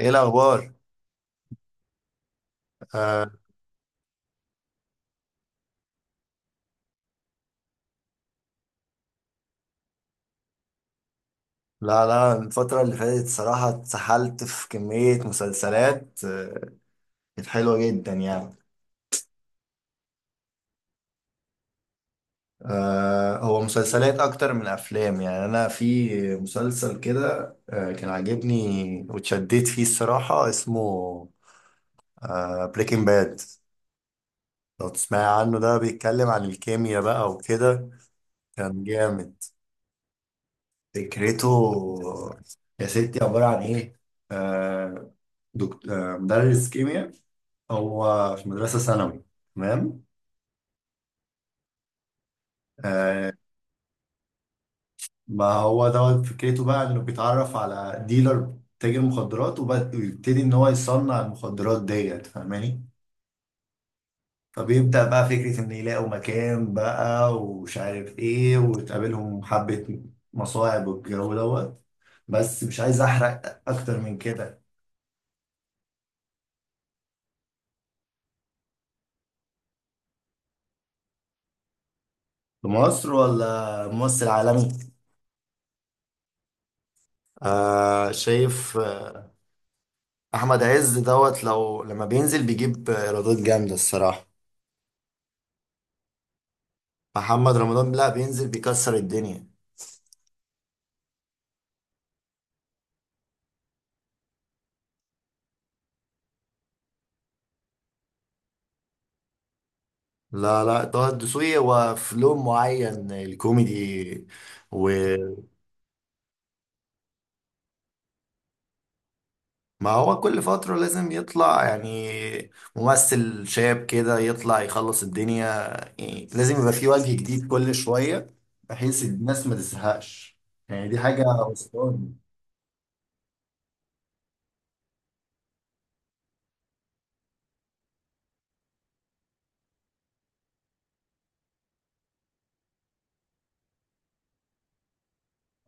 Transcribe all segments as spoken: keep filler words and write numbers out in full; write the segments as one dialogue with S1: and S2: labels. S1: ايه الاخبار؟ آه. لا لا، الفتره اللي فاتت صراحه اتسحلت في كميه مسلسلات آه، كانت حلوه جدا يعني. آه هو مسلسلات اكتر من افلام، يعني انا في مسلسل كده آه كان عاجبني واتشديت فيه الصراحه. اسمه آه بريكنج باد. لو تسمعي عنه، ده بيتكلم عن الكيمياء بقى وكده. كان جامد. فكرته يا ستي عباره عن ايه؟ آه دكتور، آه مدرس كيمياء، هو في مدرسة ثانوي. تمام. آه. ما هو دوت فكرته بقى انه بيتعرف على ديلر، تاجر مخدرات، وبد- ويبتدي ان هو يصنع المخدرات ديت، فاهماني؟ فبيبدأ بقى فكرة ان يلاقوا مكان بقى ومش عارف ايه، وتقابلهم حبة مصاعب والجو دوت. بس مش عايز احرق اكتر من كده. في مصر ولا ممثل عالمي؟ آه شايف احمد عز دوت، لو لما بينزل بيجيب ايرادات جامدة الصراحة. محمد رمضان، لا، بينزل بيكسر الدنيا. لا لا، طه الدسوقي هو في لون معين، الكوميدي. وما هو كل فترة لازم يطلع يعني ممثل شاب كده يطلع يخلص الدنيا. يعني لازم يبقى في وجه جديد كل شوية، بحيث الناس ما تزهقش. يعني دي حاجة أسطورية.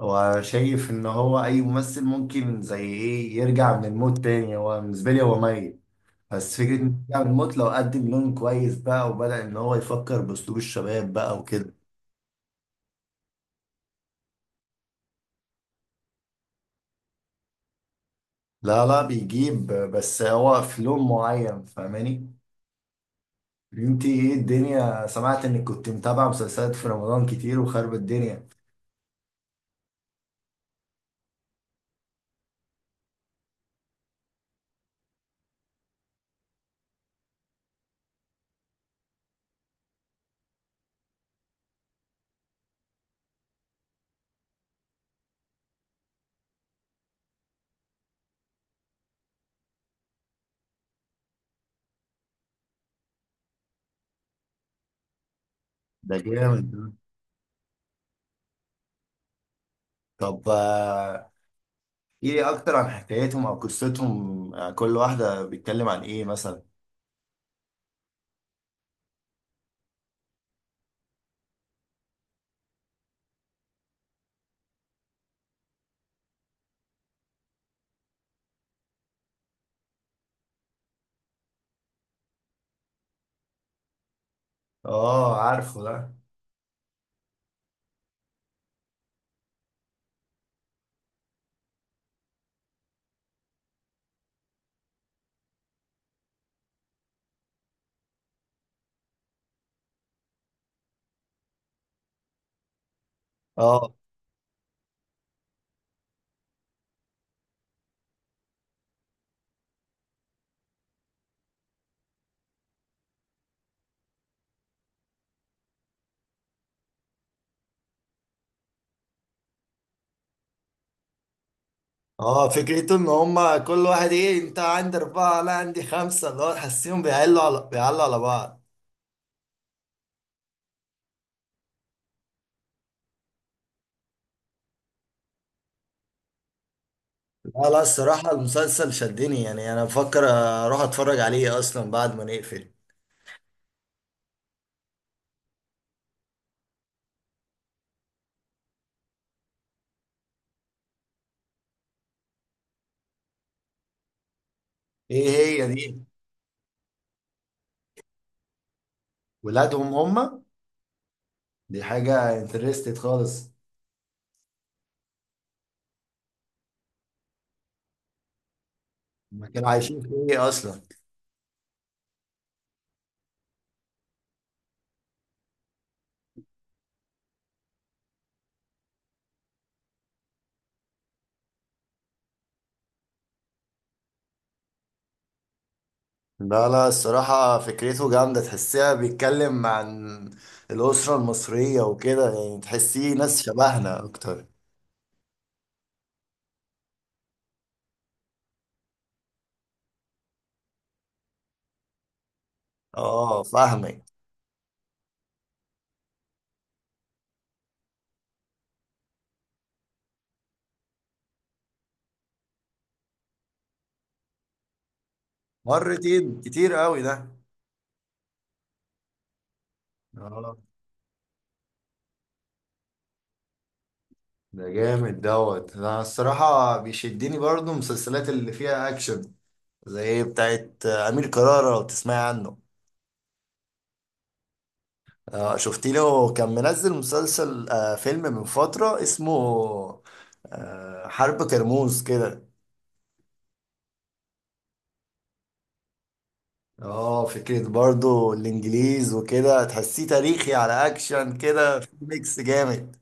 S1: وشايف إن هو أي ممثل ممكن زي إيه يرجع من الموت تاني. هو بالنسبة لي هو ميت، بس فكرة إن يعمل موت لو قدم لون كويس بقى وبدأ إن هو يفكر بأسلوب الشباب بقى وكده. لا لا، بيجيب، بس هو في لون معين، فاهماني؟ انتي ايه الدنيا؟ سمعت انك كنت متابعة مسلسلات في رمضان كتير وخرب الدنيا. ده جامد ده. طب آه، ايه اكتر عن حكايتهم او قصتهم؟ آه، كل واحدة بيتكلم عن ايه مثلا؟ اه، عارفه ده. اه اه، فكرته ان هما كل واحد ايه؟ انت عندي اربعة، لا عندي خمسة، اللي هو تحسيهم بيعلوا على بيعلوا على بعض. لا لا، الصراحة المسلسل شدني، يعني انا بفكر اروح اتفرج عليه اصلا بعد ما نقفل. ايه هي دي؟ ولادهم هما؟ دي حاجة انترستد خالص. هما كانوا عايشين في ايه اصلا؟ لا لا، الصراحة فكرته جامدة، تحسيها بيتكلم عن الأسرة المصرية وكده، يعني تحسيه ناس شبهنا أكتر. اه، فاهمك. مرتين كتير قوي ده. اه، ده جامد دوت. انا الصراحة بيشدني برضو المسلسلات اللي فيها اكشن، زي بتاعت امير كرارة، لو تسمعي عنه. آه شفتي له كان منزل مسلسل، آه فيلم من فترة، اسمه آه حرب كرموز كده. اه، فكرة برضو الانجليز وكده، تحسيه تاريخي على اكشن كده، في ميكس جامد.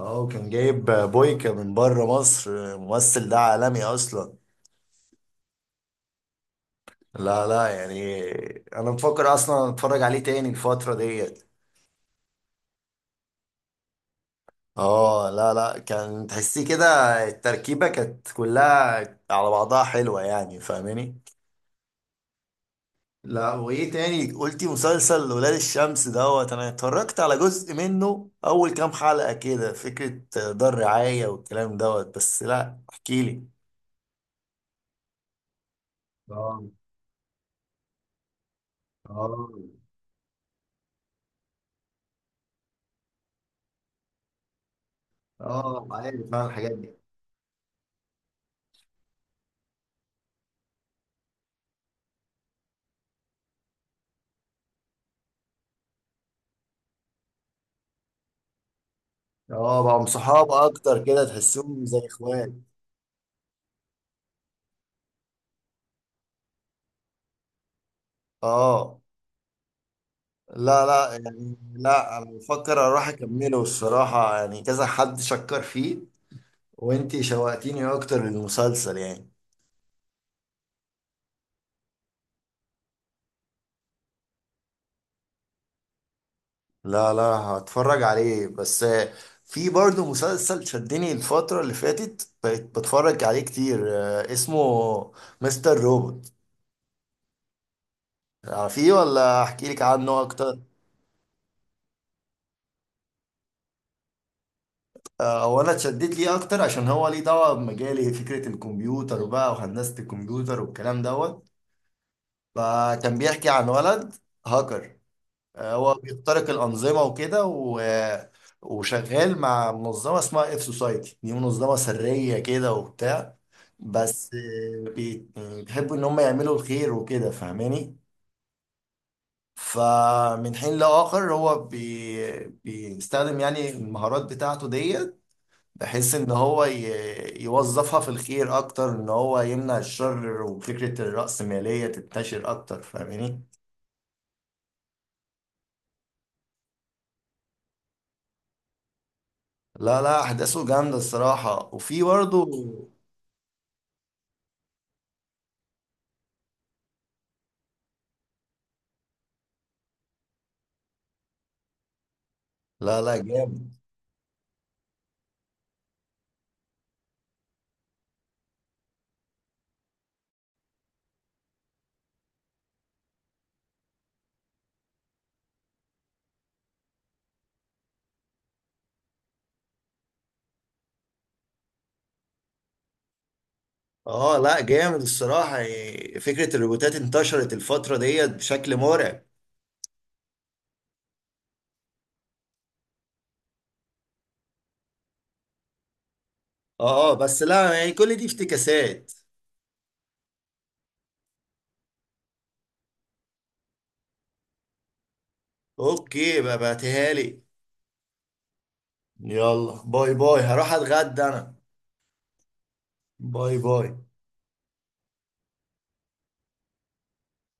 S1: اه، وكان جايب بويكا من بره مصر، الممثل ده عالمي اصلا. لا لا يعني انا مفكر اصلا اتفرج عليه تاني الفترة ديت. اه، لا لا، كان تحسيه كده، التركيبة كانت كلها على بعضها حلوة يعني، فاهماني؟ لا، وايه تاني قلتي؟ مسلسل ولاد الشمس دوت انا اتفرجت على جزء منه اول كام حلقة كده، فكرة دار رعاية والكلام دوت. بس لا، احكيلي. اه اه اه، عارف انا الحاجات دي. اه، بقى صحاب اكتر كده، تحسهم زي اخوات. اه لا لا يعني لا، انا بفكر اروح اكمله الصراحة، يعني كذا حد شكر فيه. وانتي شوقتيني اكتر للمسلسل يعني. لا لا، هتفرج عليه. بس آه، في برضه مسلسل شدني الفترة اللي فاتت بقيت بتفرج عليه كتير آه، اسمه مستر روبوت. عارفيه ولا احكي لك عنه اكتر؟ آه، او انا اتشدت ليه اكتر عشان هو ليه دعوة بمجالي، فكرة الكمبيوتر بقى وهندسة الكمبيوتر والكلام دوت. فكان بيحكي عن ولد هاكر، آه، هو بيخترق الأنظمة وكده و... وشغال مع منظمة اسمها اف سوسايتي، دي منظمة سرية كده وبتاع. بس بي... بيحبوا إن هم يعملوا الخير وكده، فاهماني؟ فمن حين لآخر هو بي... بيستخدم يعني المهارات بتاعته ديت، بحيث إن هو ي... يوظفها في الخير أكتر، إن هو يمنع الشر وفكرة الرأسمالية تنتشر أكتر، فاهماني؟ لا لا، احداثه جامده الصراحه، وفي برضه. لا لا جامد. اه، لا جامد الصراحة، يعني فكرة الروبوتات انتشرت الفترة ديت بشكل مرعب. اه اه، بس لا يعني كل دي افتكاسات. اوكي، بقى بعتها لي. يلا باي باي، هروح اتغدى انا. باي باي.